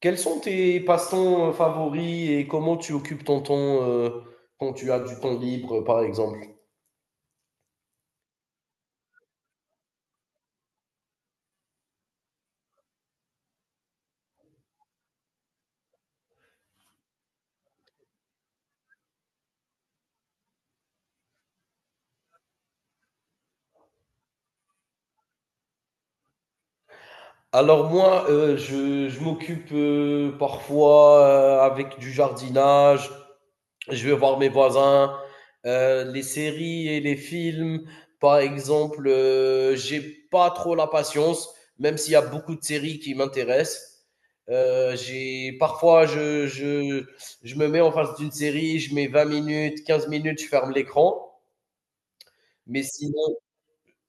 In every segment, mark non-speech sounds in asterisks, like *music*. Quels sont tes passe-temps favoris et comment tu occupes ton temps, quand tu as du temps libre, par exemple? Alors moi, je m'occupe, parfois, avec du jardinage. Je vais voir mes voisins, les séries et les films. Par exemple, j'ai pas trop la patience, même s'il y a beaucoup de séries qui m'intéressent. J'ai parfois je me mets en face d'une série, je mets 20 minutes, 15 minutes, je ferme l'écran. Mais sinon,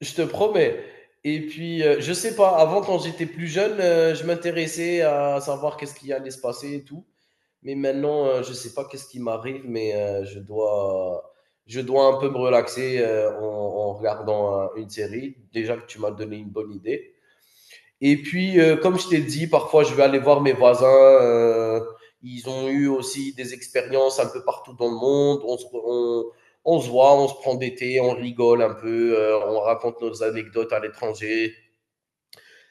je te promets. Et puis, je sais pas, avant, quand j'étais plus jeune, je m'intéressais à savoir qu'est-ce qui allait se passer et tout. Mais maintenant, je sais pas qu'est-ce qui m'arrive, mais je dois un peu me relaxer en regardant une série. Déjà que tu m'as donné une bonne idée. Et puis, comme je t'ai dit, parfois je vais aller voir mes voisins. Ils ont eu aussi des expériences un peu partout dans le monde. On se voit, on se prend des thés, on rigole un peu, on raconte nos anecdotes à l'étranger.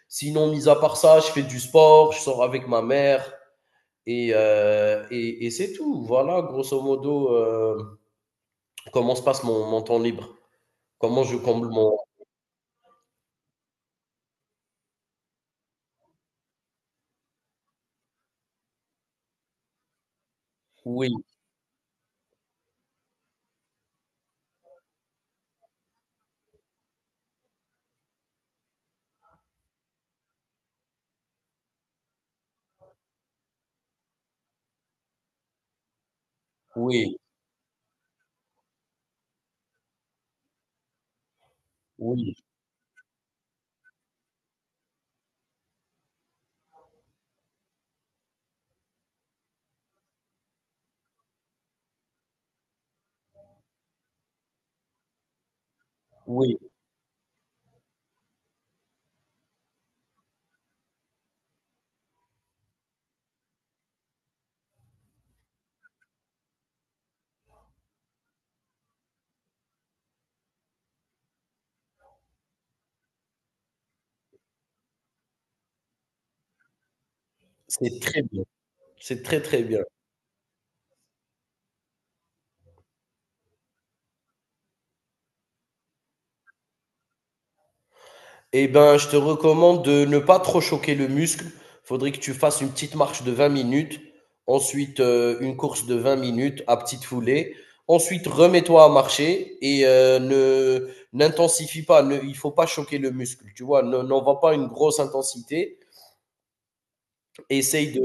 Sinon, mis à part ça, je fais du sport, je sors avec ma mère et, et c'est tout. Voilà, grosso modo, comment se passe mon temps libre. Comment je comble mon. Oui, oui, oui, oui. C'est très bien. C'est très, très bien. Eh ben, je te recommande de ne pas trop choquer le muscle. Faudrait que tu fasses une petite marche de 20 minutes. Ensuite, une course de 20 minutes à petite foulée. Ensuite, remets-toi à marcher et ne n'intensifie pas. Ne, Il faut pas choquer le muscle. Tu vois, n'envoie pas une grosse intensité. Essaye de.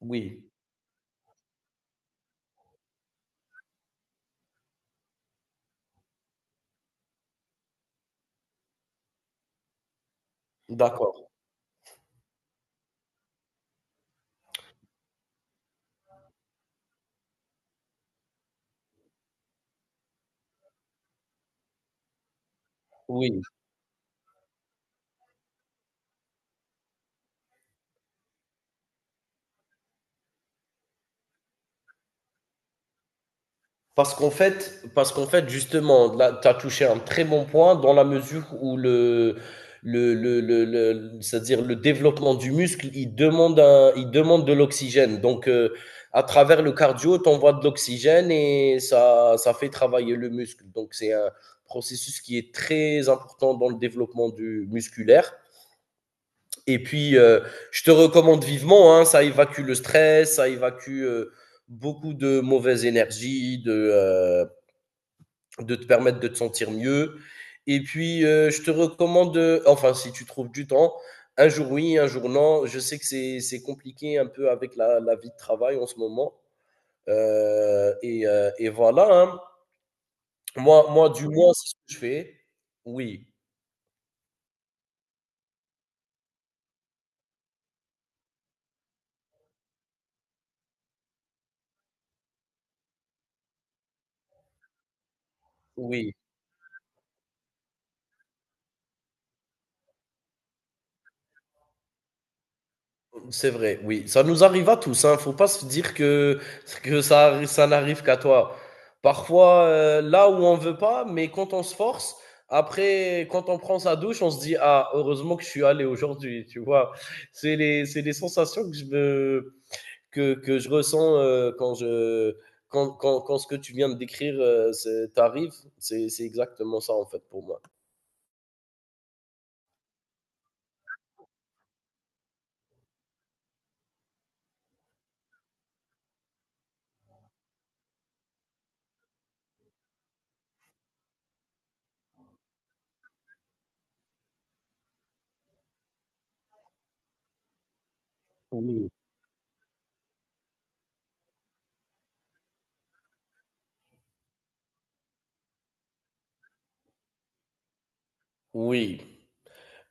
Oui, d'accord. Oui. Parce qu'en fait, justement, là, tu as touché un très bon point dans la mesure où c'est-à-dire le développement du muscle, il demande il demande de l'oxygène. Donc, à travers le cardio, tu envoies de l'oxygène et ça fait travailler le muscle. Donc, c'est un processus qui est très important dans le développement du musculaire. Et puis, je te recommande vivement, hein, ça évacue le stress, ça évacue beaucoup de mauvaises énergies, de te permettre de te sentir mieux. Et puis, je te recommande, enfin, si tu trouves du temps, un jour oui, un jour non. Je sais que c'est compliqué un peu avec la vie de travail en ce moment. Et voilà, hein. Moi, du moins, c'est ce que je fais. Oui, oui. C'est vrai, oui. Ça nous arrive à tous, hein. Faut pas se dire que ça n'arrive qu'à toi. Parfois, là où on veut pas, mais quand on se force, après, quand on prend sa douche, on se dit, ah, heureusement que je suis allé aujourd'hui, tu vois. C'est c'est les sensations que que je ressens quand je, quand, quand, quand ce que tu viens de décrire t'arrive. C'est exactement ça, en fait, pour moi. Oui. Oui.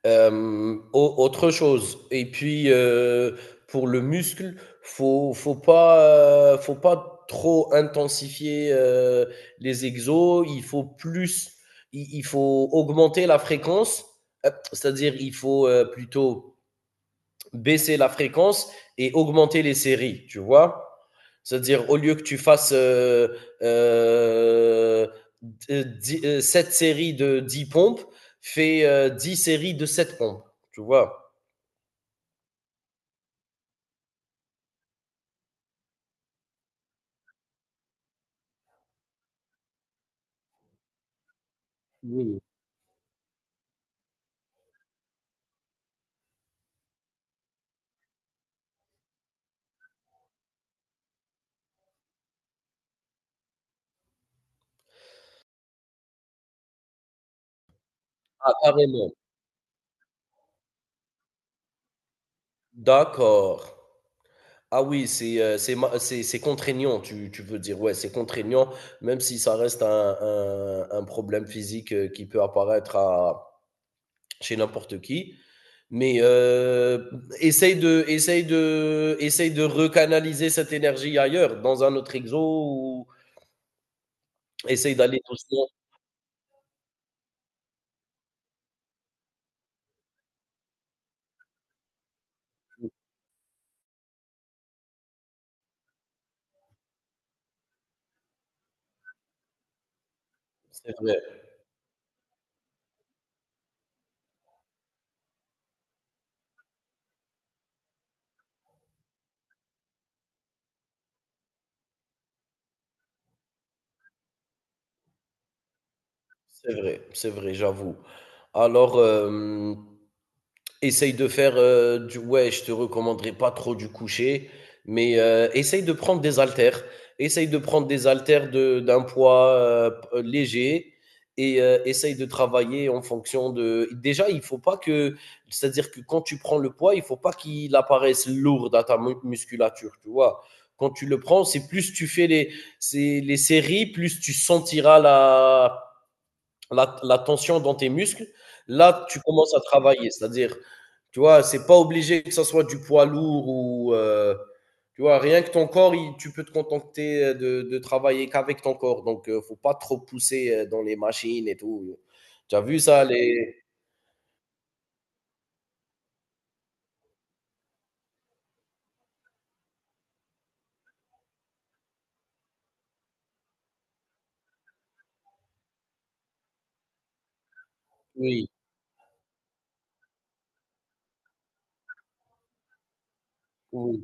Hem, au autre chose et puis, pour le muscle, faut pas trop intensifier, les exos. Il faut plus, il faut augmenter la fréquence, c'est-à-dire il faut, plutôt baisser la fréquence et augmenter les séries, tu vois. C'est-à-dire, au lieu que tu fasses euh, dix- euh, séries de 10 pompes, fais 10 séries de 7 pompes, tu vois. Oui. Ah, carrément. D'accord. Ah oui, c'est c'est contraignant, tu veux dire. Ouais, c'est contraignant, même si ça reste un problème physique qui peut apparaître chez n'importe qui. Mais essaye de recanaliser cette énergie ailleurs, dans un autre exo, ou essaye d'aller doucement. C'est vrai, c'est vrai, j'avoue. Alors, essaye de faire du ouais, je te recommanderais pas trop du coucher, mais essaye de prendre des haltères. Essaye de prendre des d'un poids léger et essaye de travailler en fonction de. Déjà, il faut pas que, c'est-à-dire que quand tu prends le poids, il faut pas qu'il apparaisse lourd dans ta musculature, tu vois. Quand tu le prends, c'est les séries, plus tu sentiras la tension dans tes muscles. Là, tu commences à travailler, c'est-à-dire tu vois, c'est pas obligé que ça soit du poids lourd ou. Tu vois, rien que ton corps, tu peux te contenter de travailler qu'avec ton corps. Donc, faut pas trop pousser dans les machines et tout. Tu as vu ça, les. Oui, oui.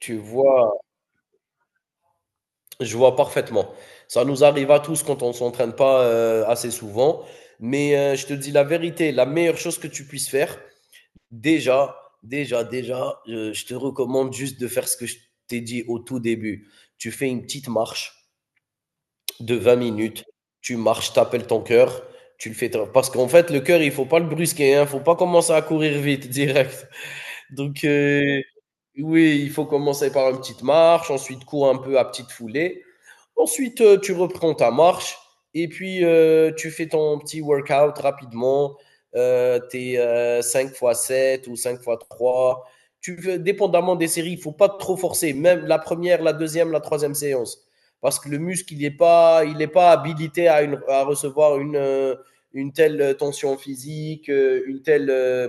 Tu vois, je vois parfaitement. Ça nous arrive à tous quand on s'entraîne pas assez souvent. Mais je te dis la vérité, la meilleure chose que tu puisses faire, déjà, déjà, je te recommande juste de faire ce que je t'ai dit au tout début. Tu fais une petite marche de vingt minutes. Tu marches, tu appelles ton cœur, tu le fais. Parce qu'en fait, le cœur, il faut pas le brusquer, hein, faut pas commencer à courir vite *laughs* direct. Donc, oui, il faut commencer par une petite marche, ensuite cours un peu à petite foulée. Ensuite, tu reprends ta marche et puis tu fais ton petit workout rapidement. Tes 5 x 7 ou 5 x trois. Tu veux, dépendamment des séries, il faut pas trop forcer, même la première, la deuxième, la troisième séance. Parce que le muscle, il est pas habilité à, à recevoir une telle tension physique, une telle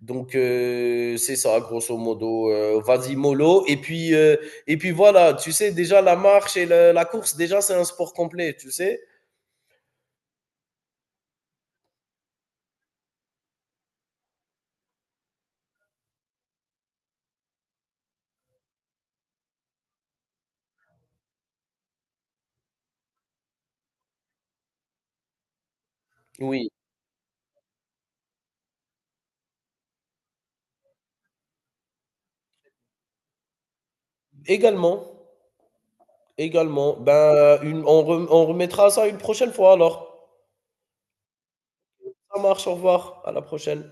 donc c'est ça, grosso modo. Vas-y mollo. Et puis voilà, tu sais déjà la marche et la course, déjà c'est un sport complet, tu sais. Oui, également, Ben on remettra ça une prochaine fois alors. Ça marche, au revoir, à la prochaine.